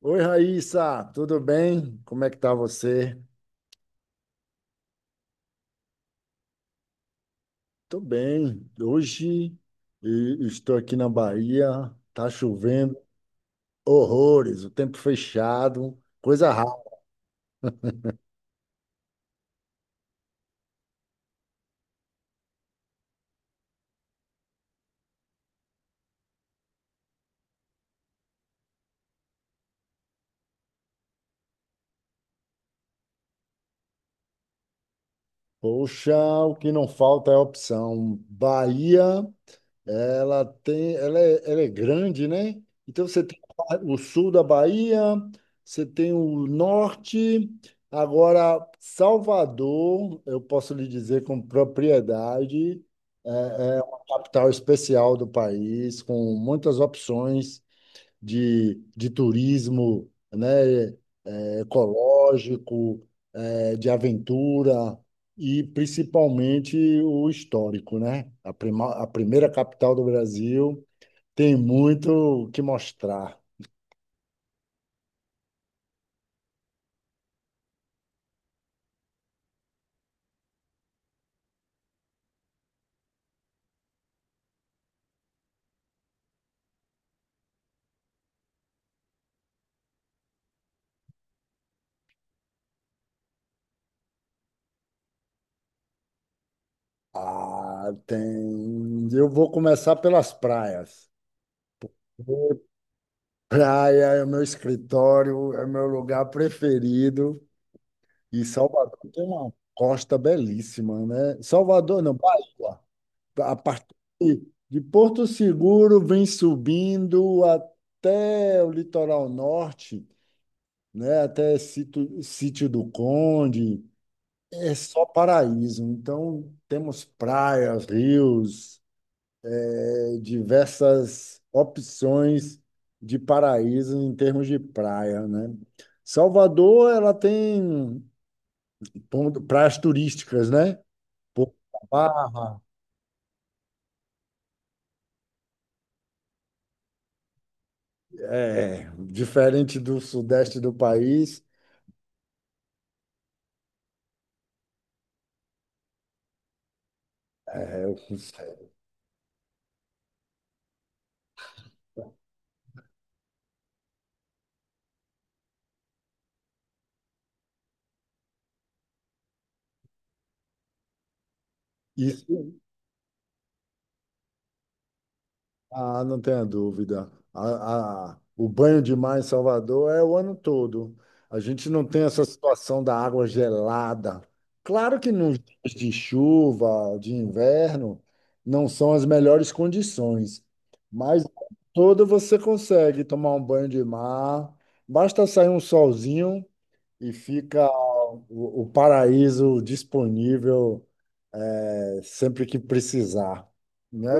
Oi, Raíssa, tudo bem? Como é que tá você? Tô bem. Hoje estou aqui na Bahia, tá chovendo horrores, o tempo fechado, coisa rara. Poxa, o que não falta é opção. Bahia. Ela tem, ela é grande, né? Então você tem o sul da Bahia, você tem o norte. Agora, Salvador, eu posso lhe dizer com propriedade, é, é uma capital especial do país, com muitas opções de turismo, né? É, é ecológico, é, de aventura e principalmente o histórico, né? A primeira capital do Brasil. Tem muito o que mostrar. Ah, tem. Eu vou começar pelas praias. Praia é o meu escritório, é o meu lugar preferido. E Salvador tem uma costa belíssima, né? Salvador, não, Bahia. A partir de Porto Seguro vem subindo até o litoral norte, né? Até Sítio, Sítio do Conde. É só paraíso. Então, temos praias, rios, diversas opções de paraíso em termos de praia, né? Salvador, ela tem praias turísticas, né? Porto da Barra, é, diferente do sudeste do país, isso. Ah, não tenha dúvida. O banho de mar em Salvador é o ano todo. A gente não tem essa situação da água gelada. Claro que nos dias de chuva, de inverno, não são as melhores condições, mas o ano todo você consegue tomar um banho de mar. Basta sair um solzinho e fica o paraíso disponível, sempre que precisar, né?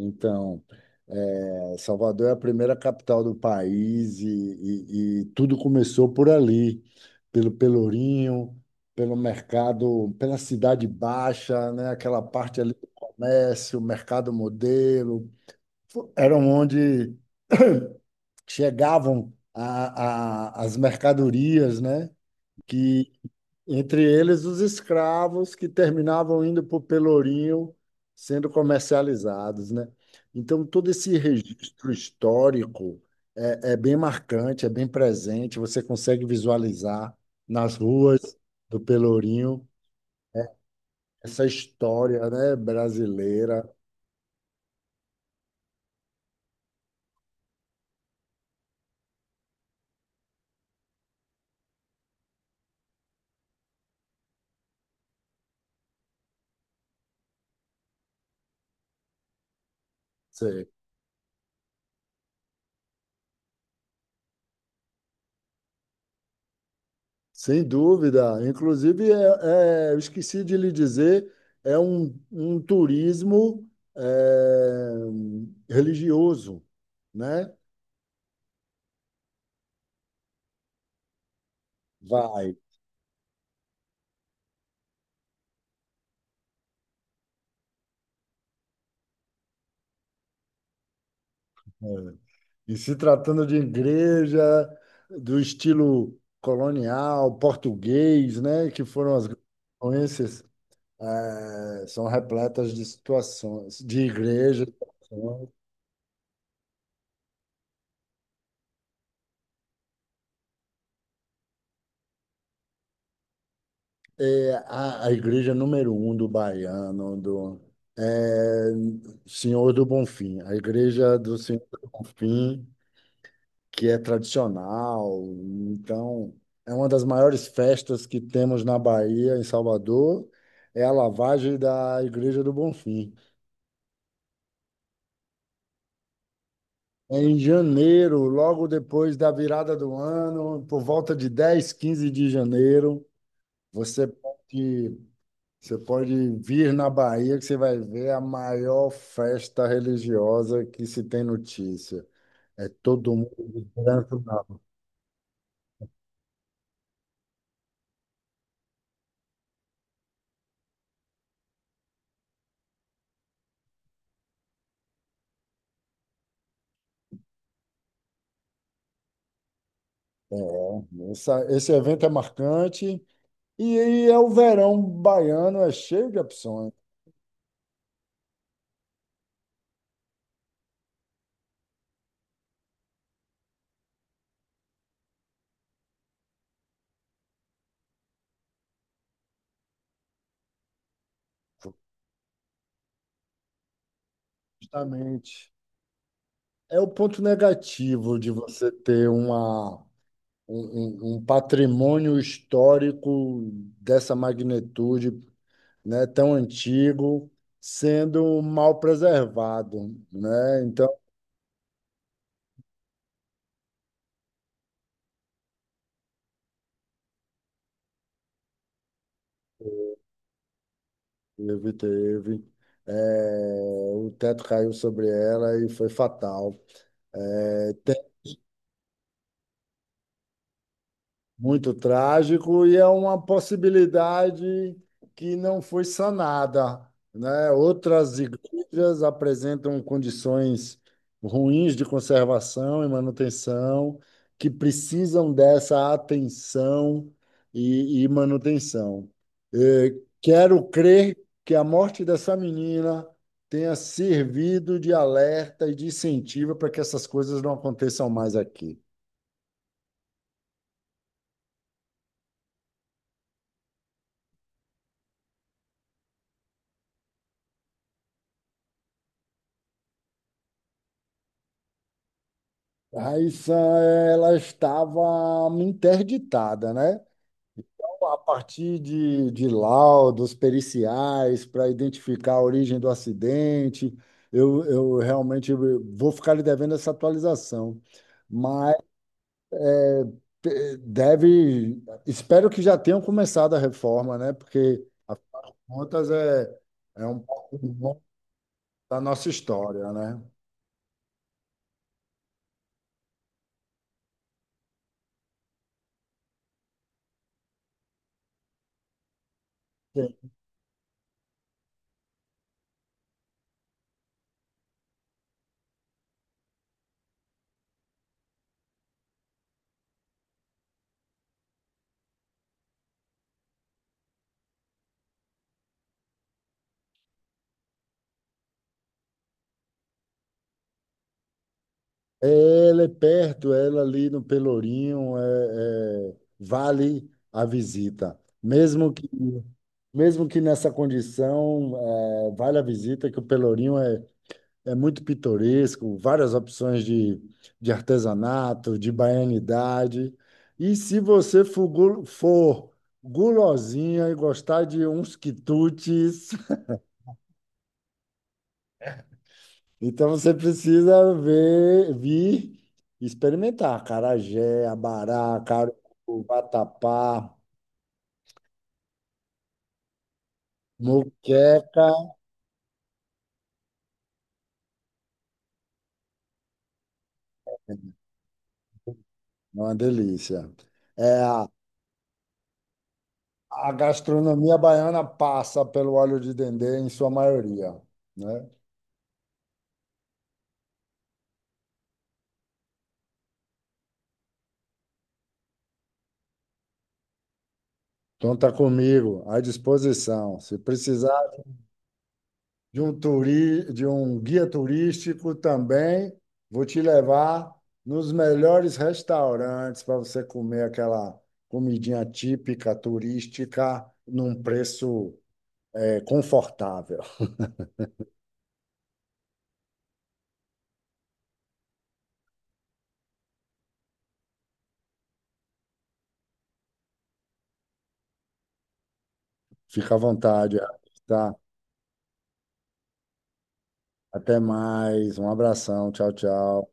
Então, é, Salvador é a primeira capital do país e e tudo começou por ali, pelo Pelourinho, pelo mercado, pela Cidade Baixa, né? Aquela parte ali do comércio, mercado modelo, eram onde chegavam as mercadorias, né? Entre eles, os escravos que terminavam indo para o Pelourinho sendo comercializados, né? Então, todo esse registro histórico é bem marcante, é bem presente, você consegue visualizar nas ruas do Pelourinho essa história, né, brasileira. Sim. Sem dúvida. Inclusive, eu esqueci de lhe dizer, é um, um turismo é, religioso, né? Vai. É. E se tratando de igreja do estilo colonial, português, né, que foram as grandes influências, são repletas de situações, de igrejas. É a igreja número um do baiano, do eh, Senhor do Bonfim, a igreja do Senhor do Bonfim, que é tradicional. Então, é uma das maiores festas que temos na Bahia, em Salvador, é a lavagem da Igreja do Bonfim. É em janeiro, logo depois da virada do ano, por volta de 10, 15 de janeiro, você pode, você pode vir na Bahia que você vai ver a maior festa religiosa que se tem notícia. É todo mundo de branco na, é, esse evento é marcante. E aí é o verão baiano, é cheio de opções, justamente. É o ponto negativo de você ter uma, um patrimônio histórico dessa magnitude, né, tão antigo, sendo mal preservado, né? Então, teve, teve. É, o teto caiu sobre ela e foi fatal. É, muito trágico, e é uma possibilidade que não foi sanada, né? Outras igrejas apresentam condições ruins de conservação e manutenção que precisam dessa atenção e manutenção. Eh, Quero crer que a morte dessa menina tenha servido de alerta e de incentivo para que essas coisas não aconteçam mais aqui. Raíssa, ela estava interditada, né? A partir de laudos periciais para identificar a origem do acidente, eu realmente vou ficar lhe devendo essa atualização. Mas deve, espero que já tenham começado a reforma, né? Porque, afinal de contas, é, é um pouco da nossa história, né? É, ela é perto, ela é ali no Pelourinho, é, é, vale a visita. Mesmo que nessa condição, é, vale a visita, que o Pelourinho é, é muito pitoresco, várias opções de artesanato, de baianidade. E se você for, for gulosinha e gostar de uns quitutes. Então você precisa ver, vir e experimentar acarajé, abará, caruru, vatapá, moqueca, é uma delícia. É, a gastronomia baiana passa pelo óleo de dendê em sua maioria, né? Conta comigo, à disposição. Se precisar de um, de um guia turístico também. Vou te levar nos melhores restaurantes para você comer aquela comidinha típica turística num preço, é, confortável. Fica à vontade, tá? Até mais. Um abração. Tchau, tchau.